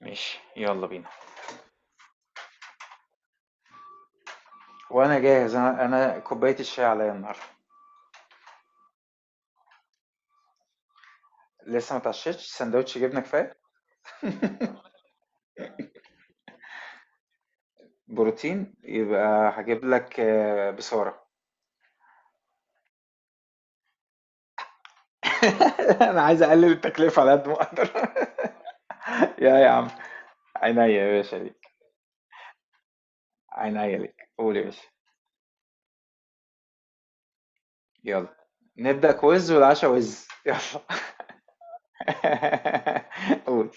ماشي، يلا بينا. وانا جاهز، انا كوبايه الشاي عليا النهارده. لسه ما اتعشيتش، سندوتش جبنه كفايه. بروتين يبقى هجيب لك، بصاره. انا عايز اقلل التكلفه على قد ما اقدر. يا عم، عينيا يا باشا ليك. عينيا ليك، قول يا باشا. يلا، نبدا كويز والعشاء وز، يلا. قول.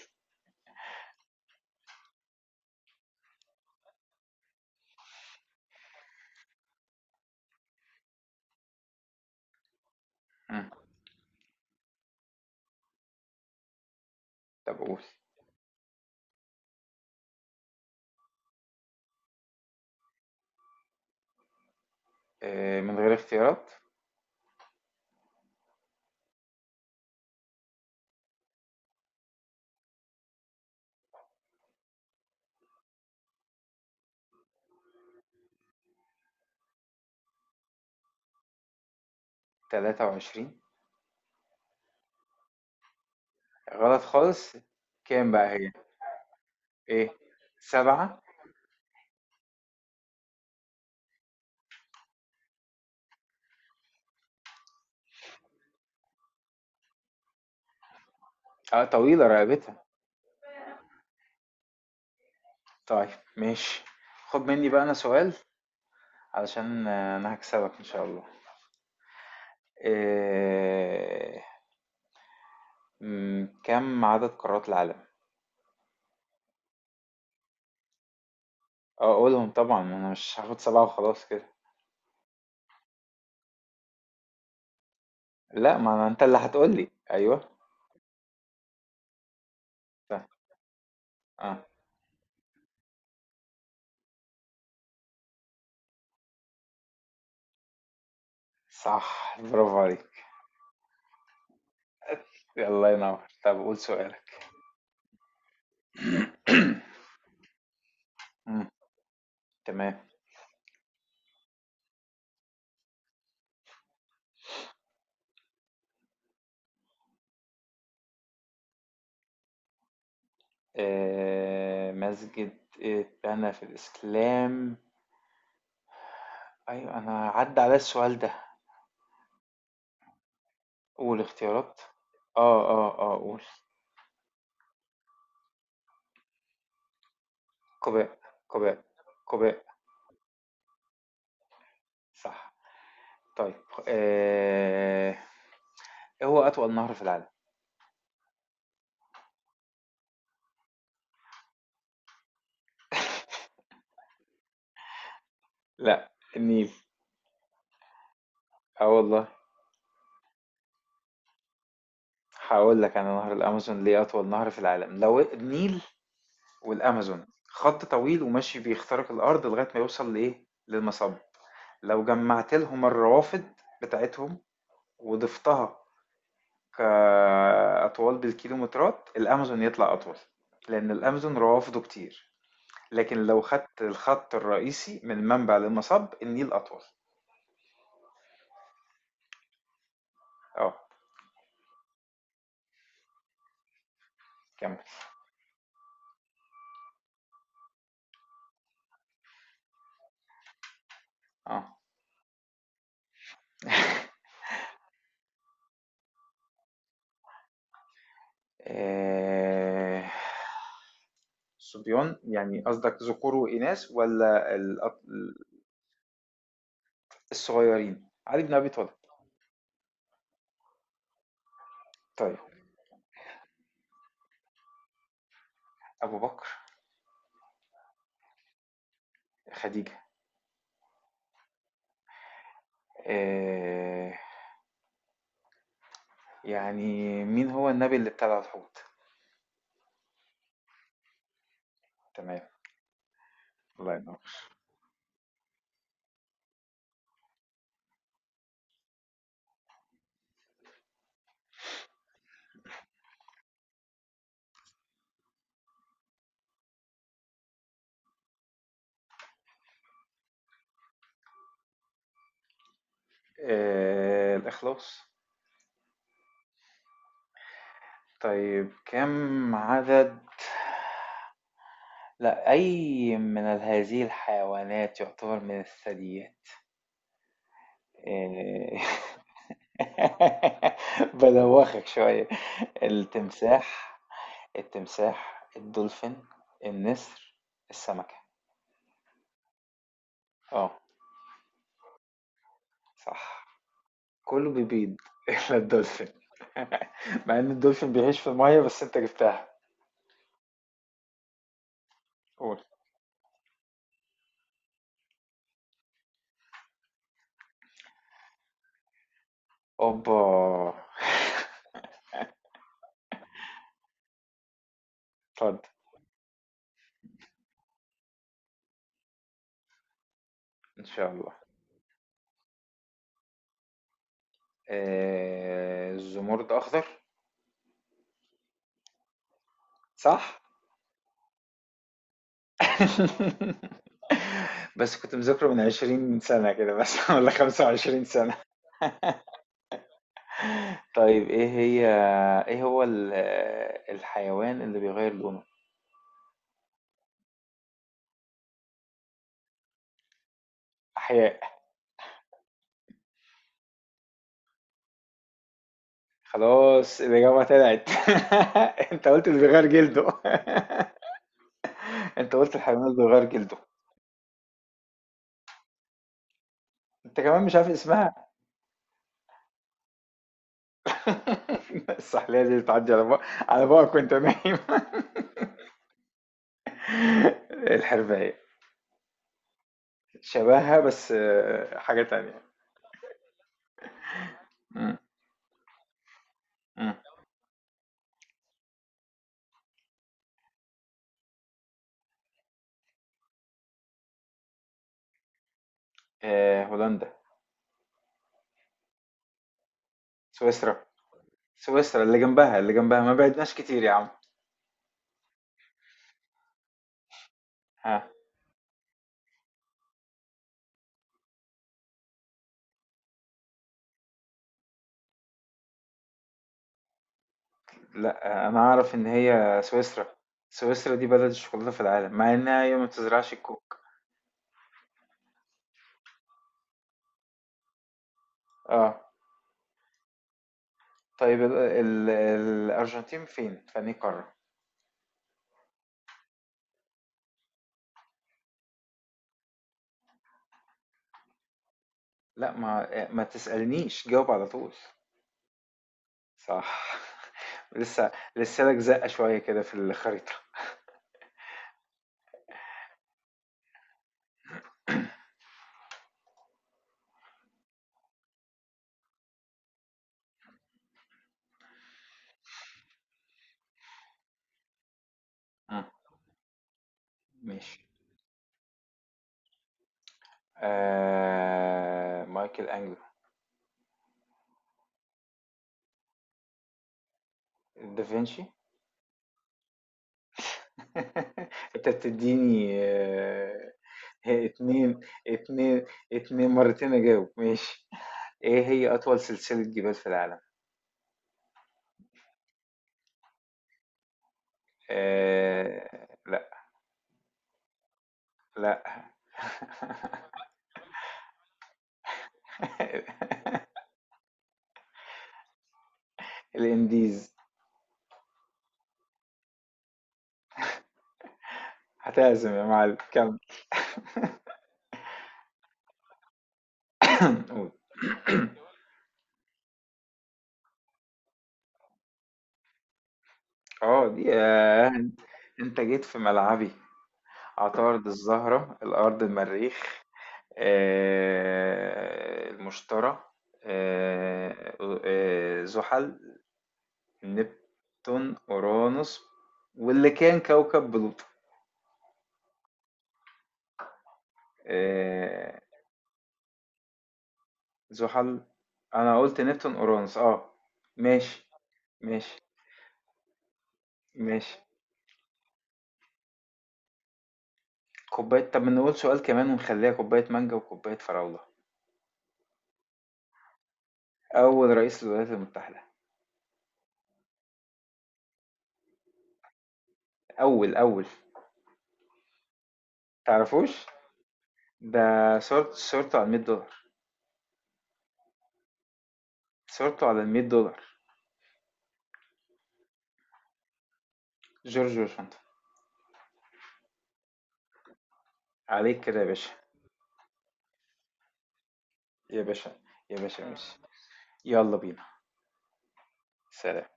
مم. طب قول. من غير اختيارات. 23. غلط خالص. كام بقى هي؟ ايه، سبعة؟ اه، طويلة رقبتها. طيب، ماشي، خد مني بقى انا سؤال. علشان انا هكسبك ان شاء الله. إيه... م، كم عدد قارات العالم؟ اه قولهم طبعا، ما انا مش هاخد سبعة وخلاص كده. لا، ما أنا انت اللي هتقولي ايوه. صح. اه. صح، برافو عليك. الله ينور، طب قول سؤالك. مم، تمام. مسجد اتبنى في الإسلام. أيوة، أنا عدى على السؤال ده. قول اختيارات. اه اه اه، قول. قباء. قباء. قباء. صح. طيب. آه... ايه هو أطول نهر في العالم؟ لا، النيل. اه والله. هقول لك انا نهر الامازون ليه اطول نهر في العالم لو النيل. والامازون خط طويل وماشي بيخترق الارض لغايه ما يوصل لايه، للمصب. لو جمعت لهم الروافد بتاعتهم وضفتها كاطوال بالكيلومترات، الامازون يطلع اطول، لان الامازون روافده كتير. لكن لو خدت الخط الرئيسي من المنبع للمصب، النيل أطول. اه. كمل. اه. آه، صبيان يعني قصدك ذكور وإناث، ولا الصغيرين علي بن أبي طالب. طيب، أبو بكر. خديجة. آه، يعني، مين هو النبي اللي ابتلع الحوت؟ تمام. الله ينور. الإخلاص. طيب، كم عدد؟ لا، أي من هذه الحيوانات يعتبر من الثدييات؟ إيه. بلوخك شوية. التمساح. التمساح، الدولفين، النسر، السمكة. اه. صح. كله بيبيض إلا الدولفين. مع إن الدولفين بيعيش في المية، بس أنت جبتها. قول. أوبا. اتفضل. إن شاء الله. إيه، الزمرد أخضر. صح. بس كنت مذاكره من 20 سنة كده بس، ولا 25 سنة. طيب ايه هي، ايه هو الحيوان اللي بيغير لونه؟ احياء. خلاص، الإجابة طلعت. انت قلت اللي بيغير جلده. انت قلت الحيوان اللي بيغير جلده. انت كمان مش عارف اسمها. السحلية دي بتعدي على بقى. على بقى كنت نايم. الحرباية. شبهها بس حاجة تانية. مم. مم. هولندا. سويسرا. سويسرا، اللي جنبها ما بعدناش كتير يا عم. ها. لا، انا اعرف ان هي سويسرا. سويسرا دي بلد الشوكولاتة في العالم، مع انها هي ما بتزرعش الكوك. اه. طيب، ال ال الارجنتين فين، في أنهي قارة؟ لا، ما ما تسألنيش، جاوب على طول. صح. لسه. لسه لك زقة شوية كده في الخريطة. مم. ماشي. آه... مايكل أنجلو. دافنشي. انت بتديني، هي اتنين. اتنين، اتنين مرتين اجاوب، ماشي. ايه هي اطول سلسلة جبال في العالم؟ آه لا. لا. الانديز. هتعزم يا معلم، كمل. قول. اه دي، انت جيت في ملعبي. عطارد، الزهرة، الارض، المريخ، المشتري، آه، زحل، نبتون، اورانوس، واللي كان كوكب بلوتو. آه زحل، انا قلت نبتون اورانوس. اه ماشي. ماشي. ماشي. كوباية. طب نقول سؤال كمان ونخليها كوباية مانجا وكوباية فراولة. اول رئيس للولايات المتحدة. اول تعرفوش. ده صورت صورته على 100 دولار. صورته على 100 دولار. جورج واشنطن. عليك كده يا باشا. يا باشا. يا باشا، ماشي. يلا بينا. سلام.